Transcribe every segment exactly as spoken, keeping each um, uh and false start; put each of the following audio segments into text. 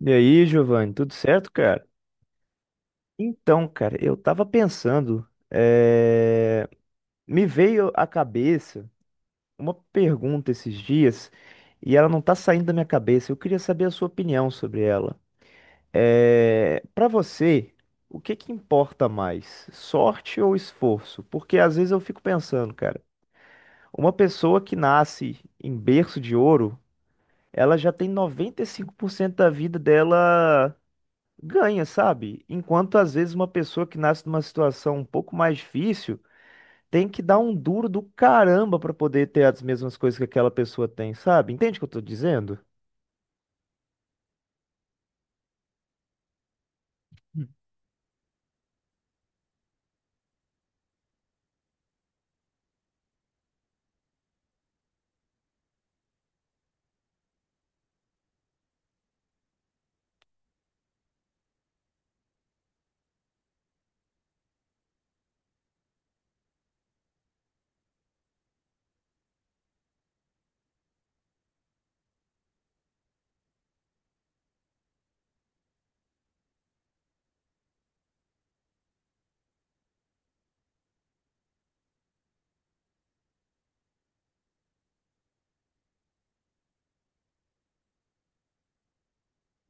E aí, Giovanni, tudo certo, cara? Então, cara, eu tava pensando, eh, me veio à cabeça uma pergunta esses dias e ela não tá saindo da minha cabeça. Eu queria saber a sua opinião sobre ela. É... Para você, o que que importa mais, sorte ou esforço? Porque às vezes eu fico pensando, cara, uma pessoa que nasce em berço de ouro, ela já tem noventa e cinco por cento da vida dela ganha, sabe? Enquanto às vezes uma pessoa que nasce numa situação um pouco mais difícil tem que dar um duro do caramba pra poder ter as mesmas coisas que aquela pessoa tem, sabe? Entende o que eu tô dizendo?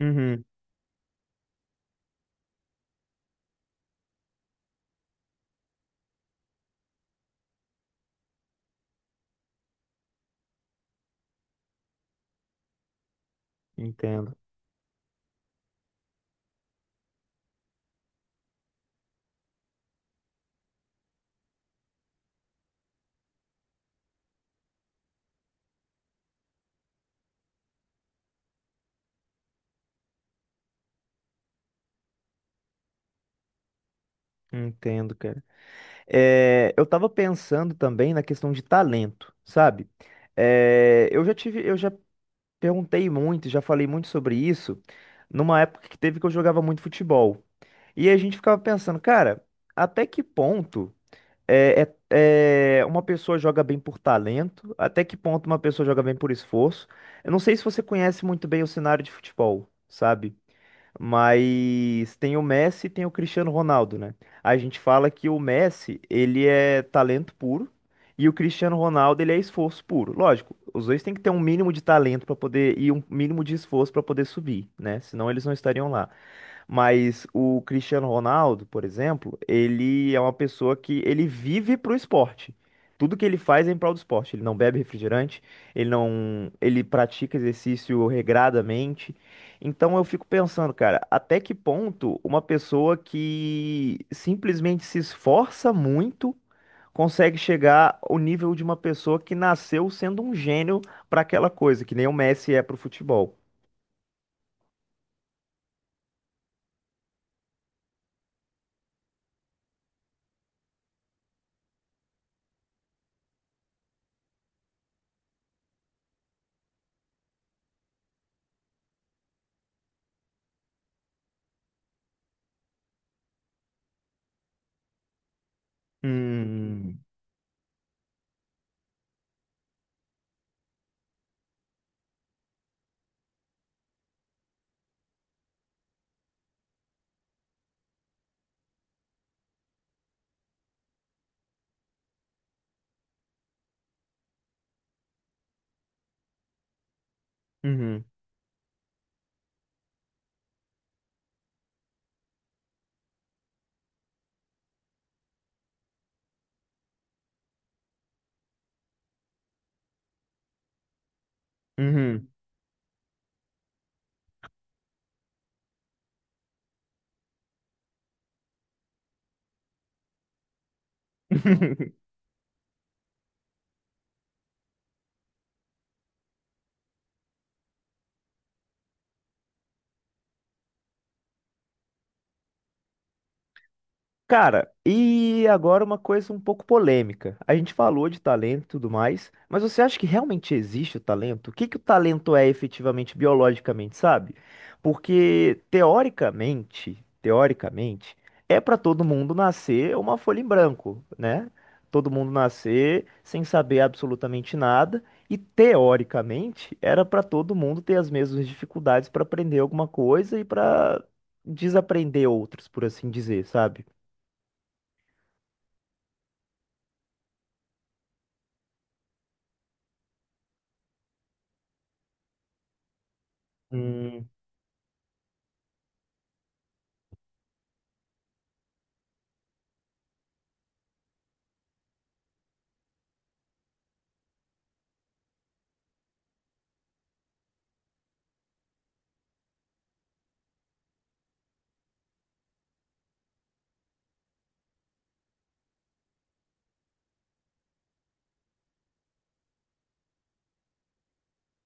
Uhum. Entendo, entendo, cara. Eh, eu tava pensando também na questão de talento, sabe? Eh, eu já tive, eu já perguntei muito, já falei muito sobre isso numa época que teve que eu jogava muito futebol. E a gente ficava pensando, cara, até que ponto É, é, é, uma pessoa joga bem por talento, até que ponto uma pessoa joga bem por esforço. Eu não sei se você conhece muito bem o cenário de futebol, sabe? Mas tem o Messi e tem o Cristiano Ronaldo, né? A gente fala que o Messi, ele é talento puro e o Cristiano Ronaldo, ele é esforço puro. Lógico, os dois têm que ter um mínimo de talento para poder e um mínimo de esforço para poder subir, né? Senão eles não estariam lá. Mas o Cristiano Ronaldo, por exemplo, ele é uma pessoa que ele vive pro esporte. Tudo que ele faz é em prol do esporte. Ele não bebe refrigerante, ele não, ele pratica exercício regradamente. Então eu fico pensando, cara, até que ponto uma pessoa que simplesmente se esforça muito consegue chegar ao nível de uma pessoa que nasceu sendo um gênio para aquela coisa, que nem o Messi é pro futebol. Hum, uhum, uhum. Cara, e agora uma coisa um pouco polêmica. A gente falou de talento e tudo mais, mas você acha que realmente existe o talento? O que que o talento é efetivamente biologicamente, sabe? Porque teoricamente, teoricamente, é para todo mundo nascer uma folha em branco, né? Todo mundo nascer sem saber absolutamente nada e teoricamente era para todo mundo ter as mesmas dificuldades para aprender alguma coisa e para desaprender outras, por assim dizer, sabe? Hum,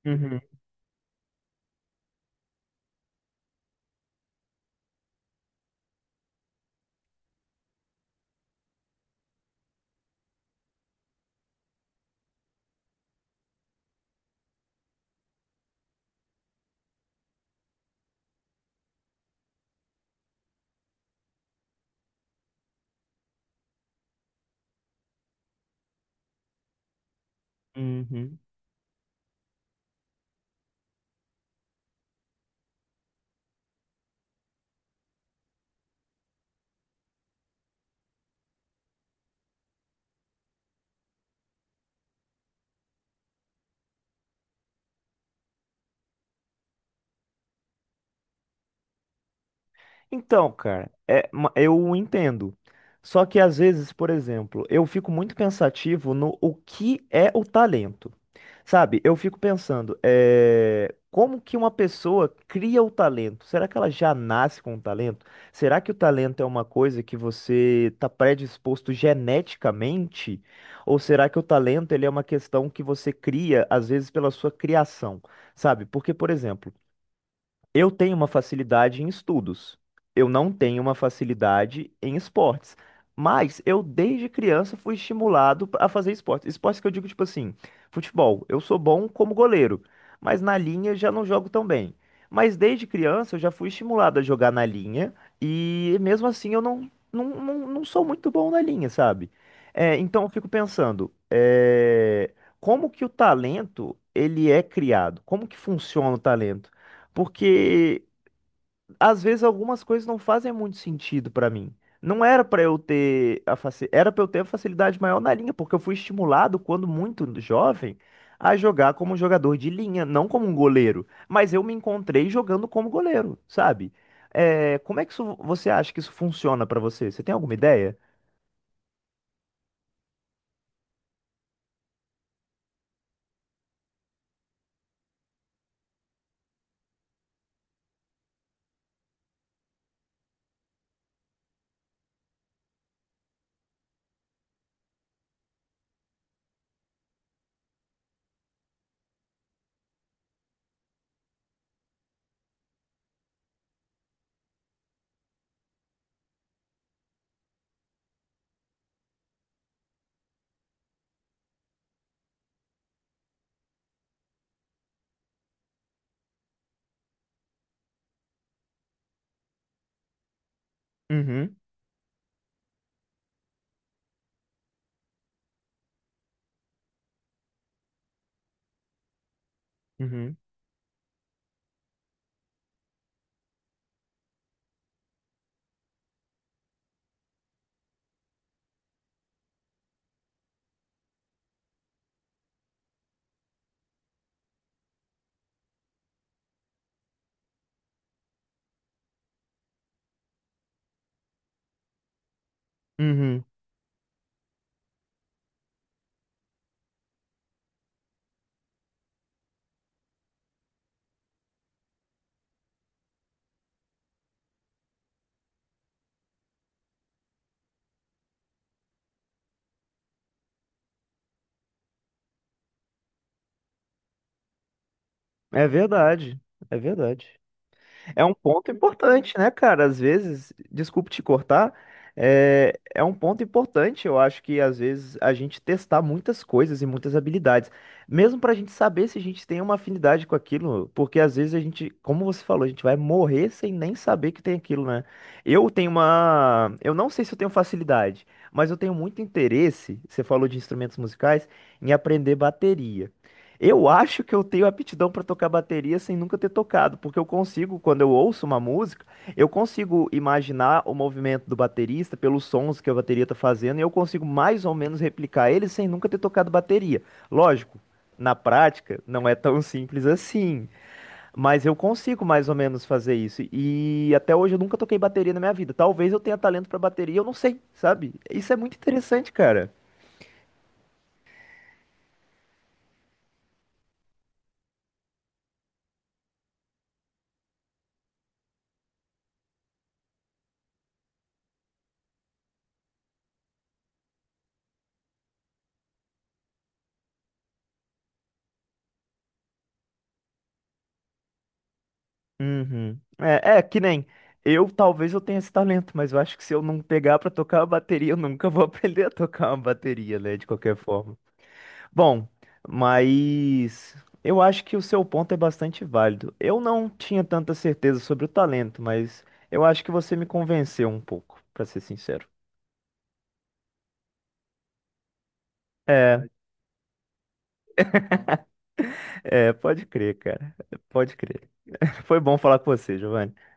uhum, uhum. Então, cara, é, ma- eu entendo. Só que às vezes, por exemplo, eu fico muito pensativo no o que é o talento. Sabe, eu fico pensando, é, como que uma pessoa cria o talento? Será que ela já nasce com o talento? Será que o talento é uma coisa que você está predisposto geneticamente? Ou será que o talento ele é uma questão que você cria, às vezes, pela sua criação? Sabe, porque, por exemplo. Eu tenho uma facilidade em estudos. Eu não tenho uma facilidade em esportes. Mas eu, desde criança, fui estimulado a fazer esportes. Esportes que eu digo, tipo assim, futebol. Eu sou bom como goleiro, mas na linha já não jogo tão bem. Mas desde criança eu já fui estimulado a jogar na linha e mesmo assim eu não, não, não, não sou muito bom na linha, sabe? É, então eu fico pensando, é, como que o talento ele é criado? Como que funciona o talento? Porque às vezes algumas coisas não fazem muito sentido pra mim. Não era pra eu ter a faci... era para eu ter a facilidade maior na linha, porque eu fui estimulado quando muito jovem a jogar como um jogador de linha, não como um goleiro, mas eu me encontrei jogando como goleiro, sabe? É, como é que isso, você acha que isso funciona pra você? Você tem alguma ideia? Uhum, uhum, uhum. É verdade, é verdade. É um ponto importante, né, cara? Às vezes, desculpe te cortar, é, é um ponto importante, eu acho que às vezes a gente testar muitas coisas e muitas habilidades, mesmo pra gente saber se a gente tem uma afinidade com aquilo, porque às vezes a gente, como você falou, a gente vai morrer sem nem saber que tem aquilo, né? Eu tenho uma. Eu não sei se eu tenho facilidade, mas eu tenho muito interesse, você falou de instrumentos musicais, em aprender bateria. Eu acho que eu tenho aptidão para tocar bateria sem nunca ter tocado, porque eu consigo, quando eu ouço uma música, eu consigo imaginar o movimento do baterista pelos sons que a bateria tá fazendo e eu consigo mais ou menos replicar ele sem nunca ter tocado bateria. Lógico, na prática não é tão simples assim, mas eu consigo mais ou menos fazer isso. E até hoje eu nunca toquei bateria na minha vida. Talvez eu tenha talento para bateria, eu não sei, sabe? Isso é muito interessante, cara. Uhum. É, é que nem eu, talvez eu tenha esse talento, mas eu acho que se eu não pegar pra tocar a bateria, eu nunca vou aprender a tocar uma bateria, né? De qualquer forma. Bom, mas eu acho que o seu ponto é bastante válido. Eu não tinha tanta certeza sobre o talento, mas eu acho que você me convenceu um pouco, pra ser sincero. É, é, pode crer, cara. Pode crer. Foi bom falar com você, Giovanni.